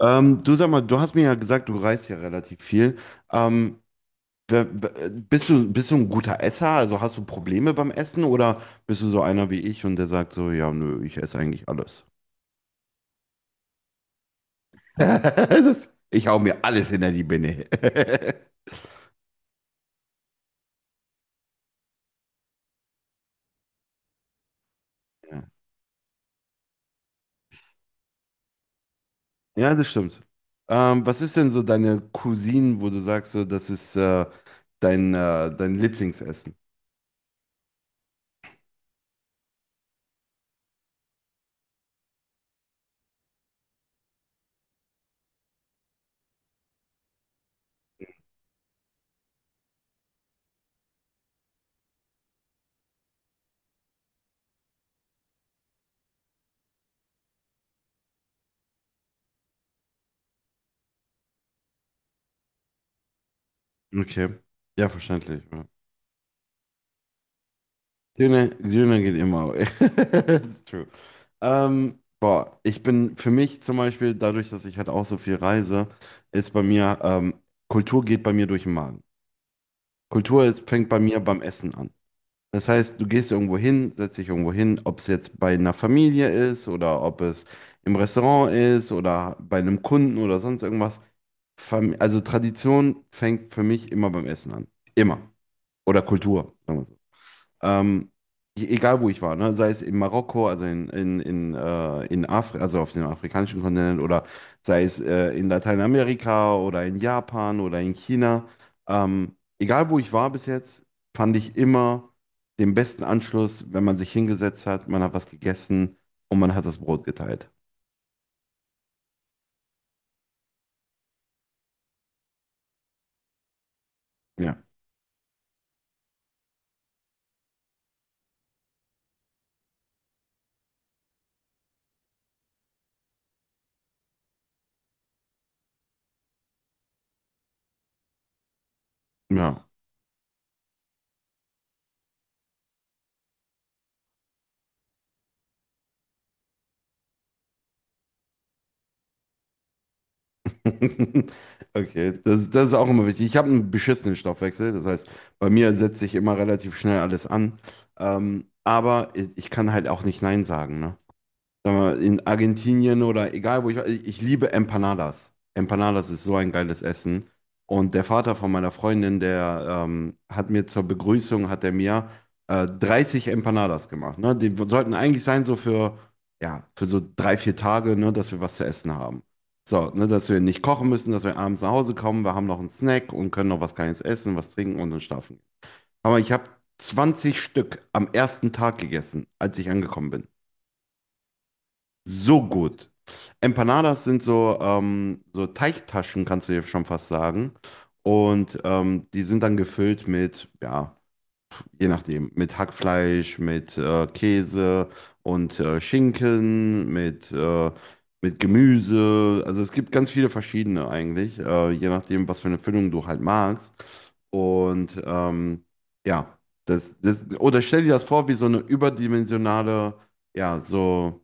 Du sag mal, du hast mir ja gesagt, du reist ja relativ viel. Ähm, Bist du, bist du ein guter Esser? Also hast du Probleme beim Essen oder bist du so einer wie ich und der sagt so, ja, nö, ich esse eigentlich alles. Das, ich hau mir alles hinter die Birne. Ja, Ja, das stimmt. Was ist denn so deine Cousine, wo du sagst, so, das ist dein, dein Lieblingsessen? Okay. Ja, verständlich, ja. Döner, Döner geht immer. It's true. Boah, ich bin für mich zum Beispiel, dadurch, dass ich halt auch so viel reise, ist bei mir, Kultur geht bei mir durch den Magen. Kultur ist, fängt bei mir beim Essen an. Das heißt, du gehst irgendwo hin, setzt dich irgendwo hin, ob es jetzt bei einer Familie ist oder ob es im Restaurant ist oder bei einem Kunden oder sonst irgendwas. Also Tradition fängt für mich immer beim Essen an. Immer. Oder Kultur. Ähm, Egal wo ich war, ne? Sei es in Marokko, also in Afri also auf dem afrikanischen Kontinent oder sei es in Lateinamerika oder in Japan oder in China. Egal wo ich war bis jetzt, fand ich immer den besten Anschluss, wenn man sich hingesetzt hat, man hat was gegessen und man hat das Brot geteilt. Ja. Ja. Okay, das, das ist auch immer wichtig. Ich habe einen beschissenen Stoffwechsel, das heißt, bei mir setzt sich immer relativ schnell alles an. Aber ich kann halt auch nicht Nein sagen, ne? Sag mal, in Argentinien oder egal wo ich war, ich liebe Empanadas. Empanadas ist so ein geiles Essen. Und der Vater von meiner Freundin, der hat mir zur Begrüßung, hat er mir 30 Empanadas gemacht. Ne? Die sollten eigentlich sein so für, ja, für so drei, vier Tage, ne, dass wir was zu essen haben. So, ne, dass wir nicht kochen müssen, dass wir abends nach Hause kommen, wir haben noch einen Snack und können noch was Kleines essen, was trinken und dann schlafen. Aber ich habe 20 Stück am ersten Tag gegessen, als ich angekommen bin. So gut. Empanadas sind so, so Teigtaschen, kannst du dir schon fast sagen. Und die sind dann gefüllt mit, ja, je nachdem, mit Hackfleisch, mit Käse und Schinken, mit Gemüse. Also es gibt ganz viele verschiedene eigentlich, je nachdem, was für eine Füllung du halt magst. Und ja, oder stell dir das vor, wie so eine überdimensionale, ja, so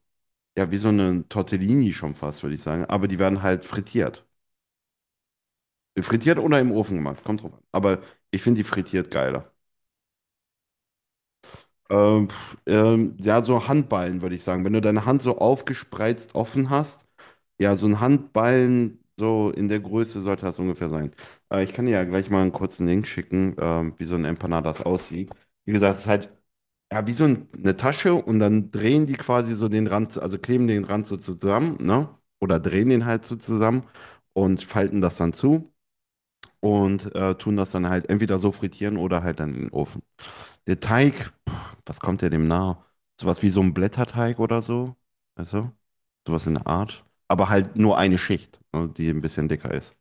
ja, wie so eine Tortellini schon fast, würde ich sagen. Aber die werden halt frittiert. Frittiert oder im Ofen gemacht, kommt drauf an. Aber ich finde die frittiert geiler. Ja, so Handballen, würde ich sagen. Wenn du deine Hand so aufgespreizt offen hast, ja, so ein Handballen, so in der Größe sollte das ungefähr sein. Ich kann dir ja gleich mal einen kurzen Link schicken, wie so ein Empanadas aussieht. Wie gesagt, es ist halt ja, wie so ein, eine Tasche und dann drehen die quasi so den Rand, also kleben den Rand so zusammen, ne? Oder drehen den halt so zusammen und falten das dann zu und tun das dann halt entweder so frittieren oder halt dann in den Ofen. Der Teig, pff, was kommt der dem nahe? Sowas wie so ein Blätterteig oder so, weißt du? Sowas in der Art. Aber halt nur eine Schicht, ne, die ein bisschen dicker ist.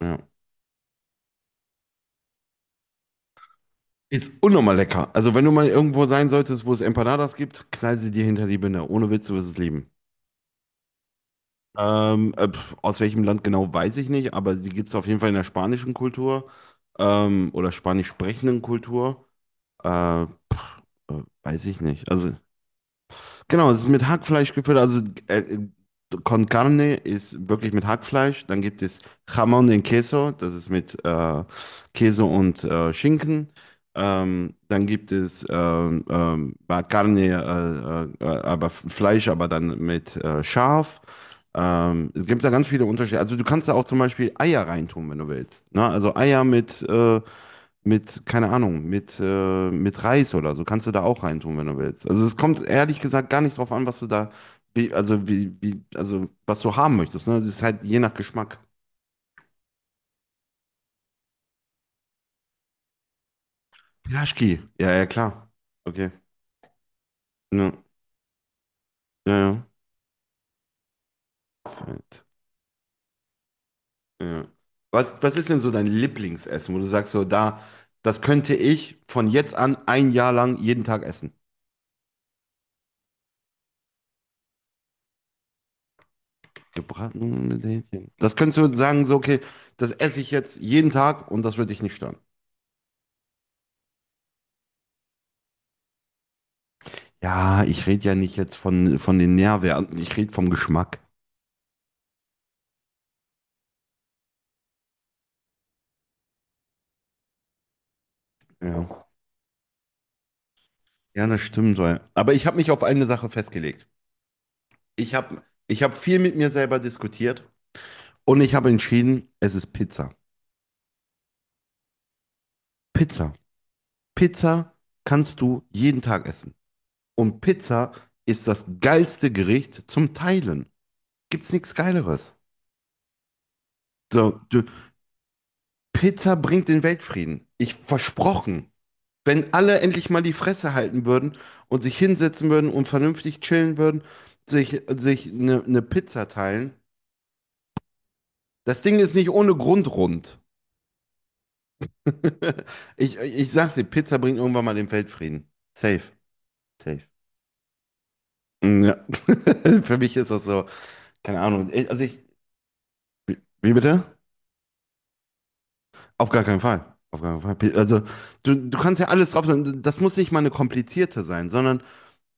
Ja. Ist unnormal lecker. Also wenn du mal irgendwo sein solltest, wo es Empanadas gibt, knall sie dir hinter die Binde. Ohne Witz, du wirst es lieben. Aus welchem Land genau weiß ich nicht, aber die gibt es auf jeden Fall in der spanischen Kultur oder spanisch sprechenden Kultur. Äh, pf, Weiß ich nicht. Also, genau, es ist mit Hackfleisch gefüllt. Also, äh, äh, con carne ist wirklich mit Hackfleisch. Dann gibt es Jamón en Queso, das ist mit Käse und Schinken. Dann gibt es Carne, aber Fleisch, aber dann mit Schaf. Es gibt da ganz viele Unterschiede. Also du kannst da auch zum Beispiel Eier reintun, wenn du willst. Ne? Also Eier mit, keine Ahnung, mit Reis oder so kannst du da auch reintun, wenn du willst. Also es kommt ehrlich gesagt gar nicht drauf an, was du da, wie, also wie, wie, also was du haben möchtest. Ne? Das ist halt je nach Geschmack. Pilaschki. Ja, ja, klar. Okay. Ne. Ja, ja. Fett. Ja. Was, was ist denn so dein Lieblingsessen, wo du sagst, so da, das könnte ich von jetzt an ein Jahr lang jeden Tag essen? Gebraten mit Hähnchen. Das könntest du sagen, so, okay, das esse ich jetzt jeden Tag und das wird dich nicht stören. Ja, ich rede ja nicht jetzt von den Nährwerten, ich rede vom Geschmack. Ja. Ja, das stimmt. Weil, aber ich habe mich auf eine Sache festgelegt. Ich hab viel mit mir selber diskutiert und ich habe entschieden, es ist Pizza. Pizza. Pizza kannst du jeden Tag essen. Und Pizza ist das geilste Gericht zum Teilen. Gibt's nichts Geileres. So, du, Pizza bringt den Weltfrieden. Ich versprochen. Wenn alle endlich mal die Fresse halten würden und sich hinsetzen würden und vernünftig chillen würden, sich eine Pizza teilen. Das Ding ist nicht ohne Grund rund. Ich sag's dir, Pizza bringt irgendwann mal den Weltfrieden. Safe, safe. Ja. Für mich ist das so, keine Ahnung. Ich- Also ich, wie bitte? Auf gar keinen Fall. Auf gar keinen Fall. Pi- Also du kannst ja alles drauf sein. Das muss nicht mal eine komplizierte sein, sondern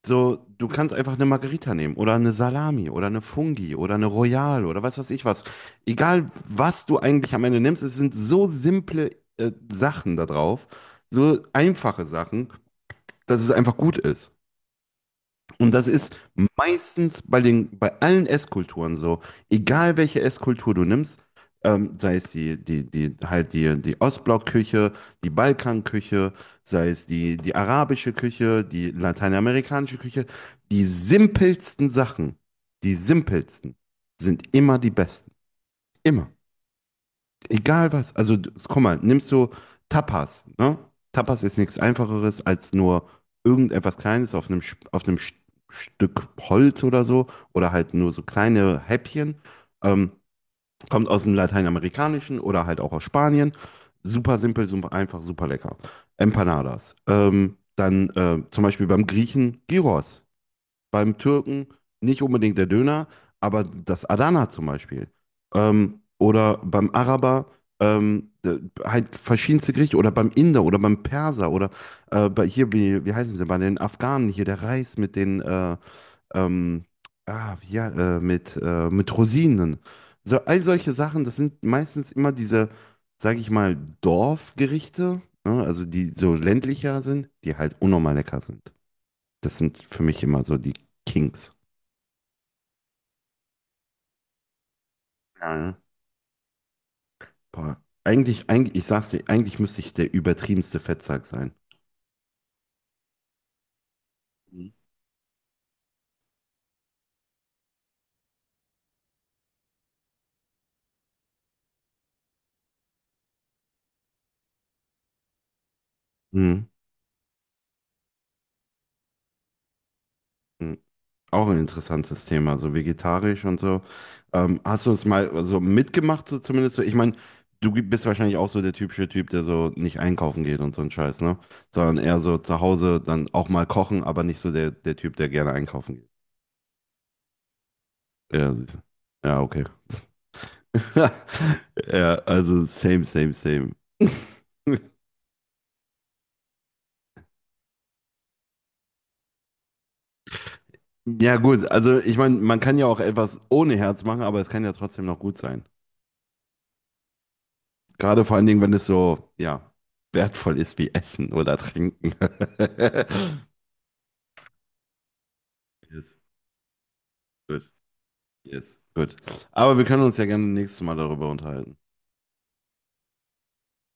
so, du kannst einfach eine Margarita nehmen oder eine Salami oder eine Fungi oder eine Royale oder was weiß ich was. Egal, was du eigentlich am Ende nimmst, es sind so simple Sachen da drauf, so einfache Sachen, dass es einfach gut ist. Und das ist meistens bei den, bei allen Esskulturen so. Egal welche Esskultur du nimmst, sei es die Ostblockküche, die Balkanküche, sei es die arabische Küche, die lateinamerikanische Küche, die simpelsten Sachen, die simpelsten sind immer die besten. Immer. Egal was. Also, guck mal, nimmst du Tapas, ne? Tapas ist nichts Einfacheres als nur irgendetwas Kleines auf einem Stück Holz oder so oder halt nur so kleine Häppchen. Ähm, Kommt aus dem Lateinamerikanischen oder halt auch aus Spanien. Super simpel, super einfach, super lecker. Empanadas. Dann zum Beispiel beim Griechen Gyros, beim Türken nicht unbedingt der Döner, aber das Adana zum Beispiel. Oder beim Araber halt verschiedenste Gerichte oder beim Inder oder beim Perser oder bei hier, wie, wie heißen sie, bei den Afghanen hier, der Reis mit den, ähm, wie, ja, mit Rosinen. So, all solche Sachen, das sind meistens immer diese, sage ich mal, Dorfgerichte, ne? Also die so ländlicher sind, die halt unnormal lecker sind. Das sind für mich immer so die Kings. Ja. Boah. Eigentlich, eigentlich, ich sag's dir, eigentlich müsste ich der übertriebenste Fettsack sein. Mhm. Mhm. Mhm. Auch ein interessantes Thema, so vegetarisch und so. Hast du es mal so mitgemacht, so zumindest so? Ich meine, du bist wahrscheinlich auch so der typische Typ, der so nicht einkaufen geht und so ein Scheiß, ne? Sondern eher so zu Hause dann auch mal kochen, aber nicht so der Typ, der gerne einkaufen geht. Ja, siehst du. Ja, okay. Ja, also same, same, same. Ja, gut, also ich meine, man kann ja auch etwas ohne Herz machen, aber es kann ja trotzdem noch gut sein. Gerade vor allen Dingen, wenn es so, ja, wertvoll ist wie Essen oder Trinken. Yes, gut, yes, gut. Aber wir können uns ja gerne nächstes Mal darüber unterhalten.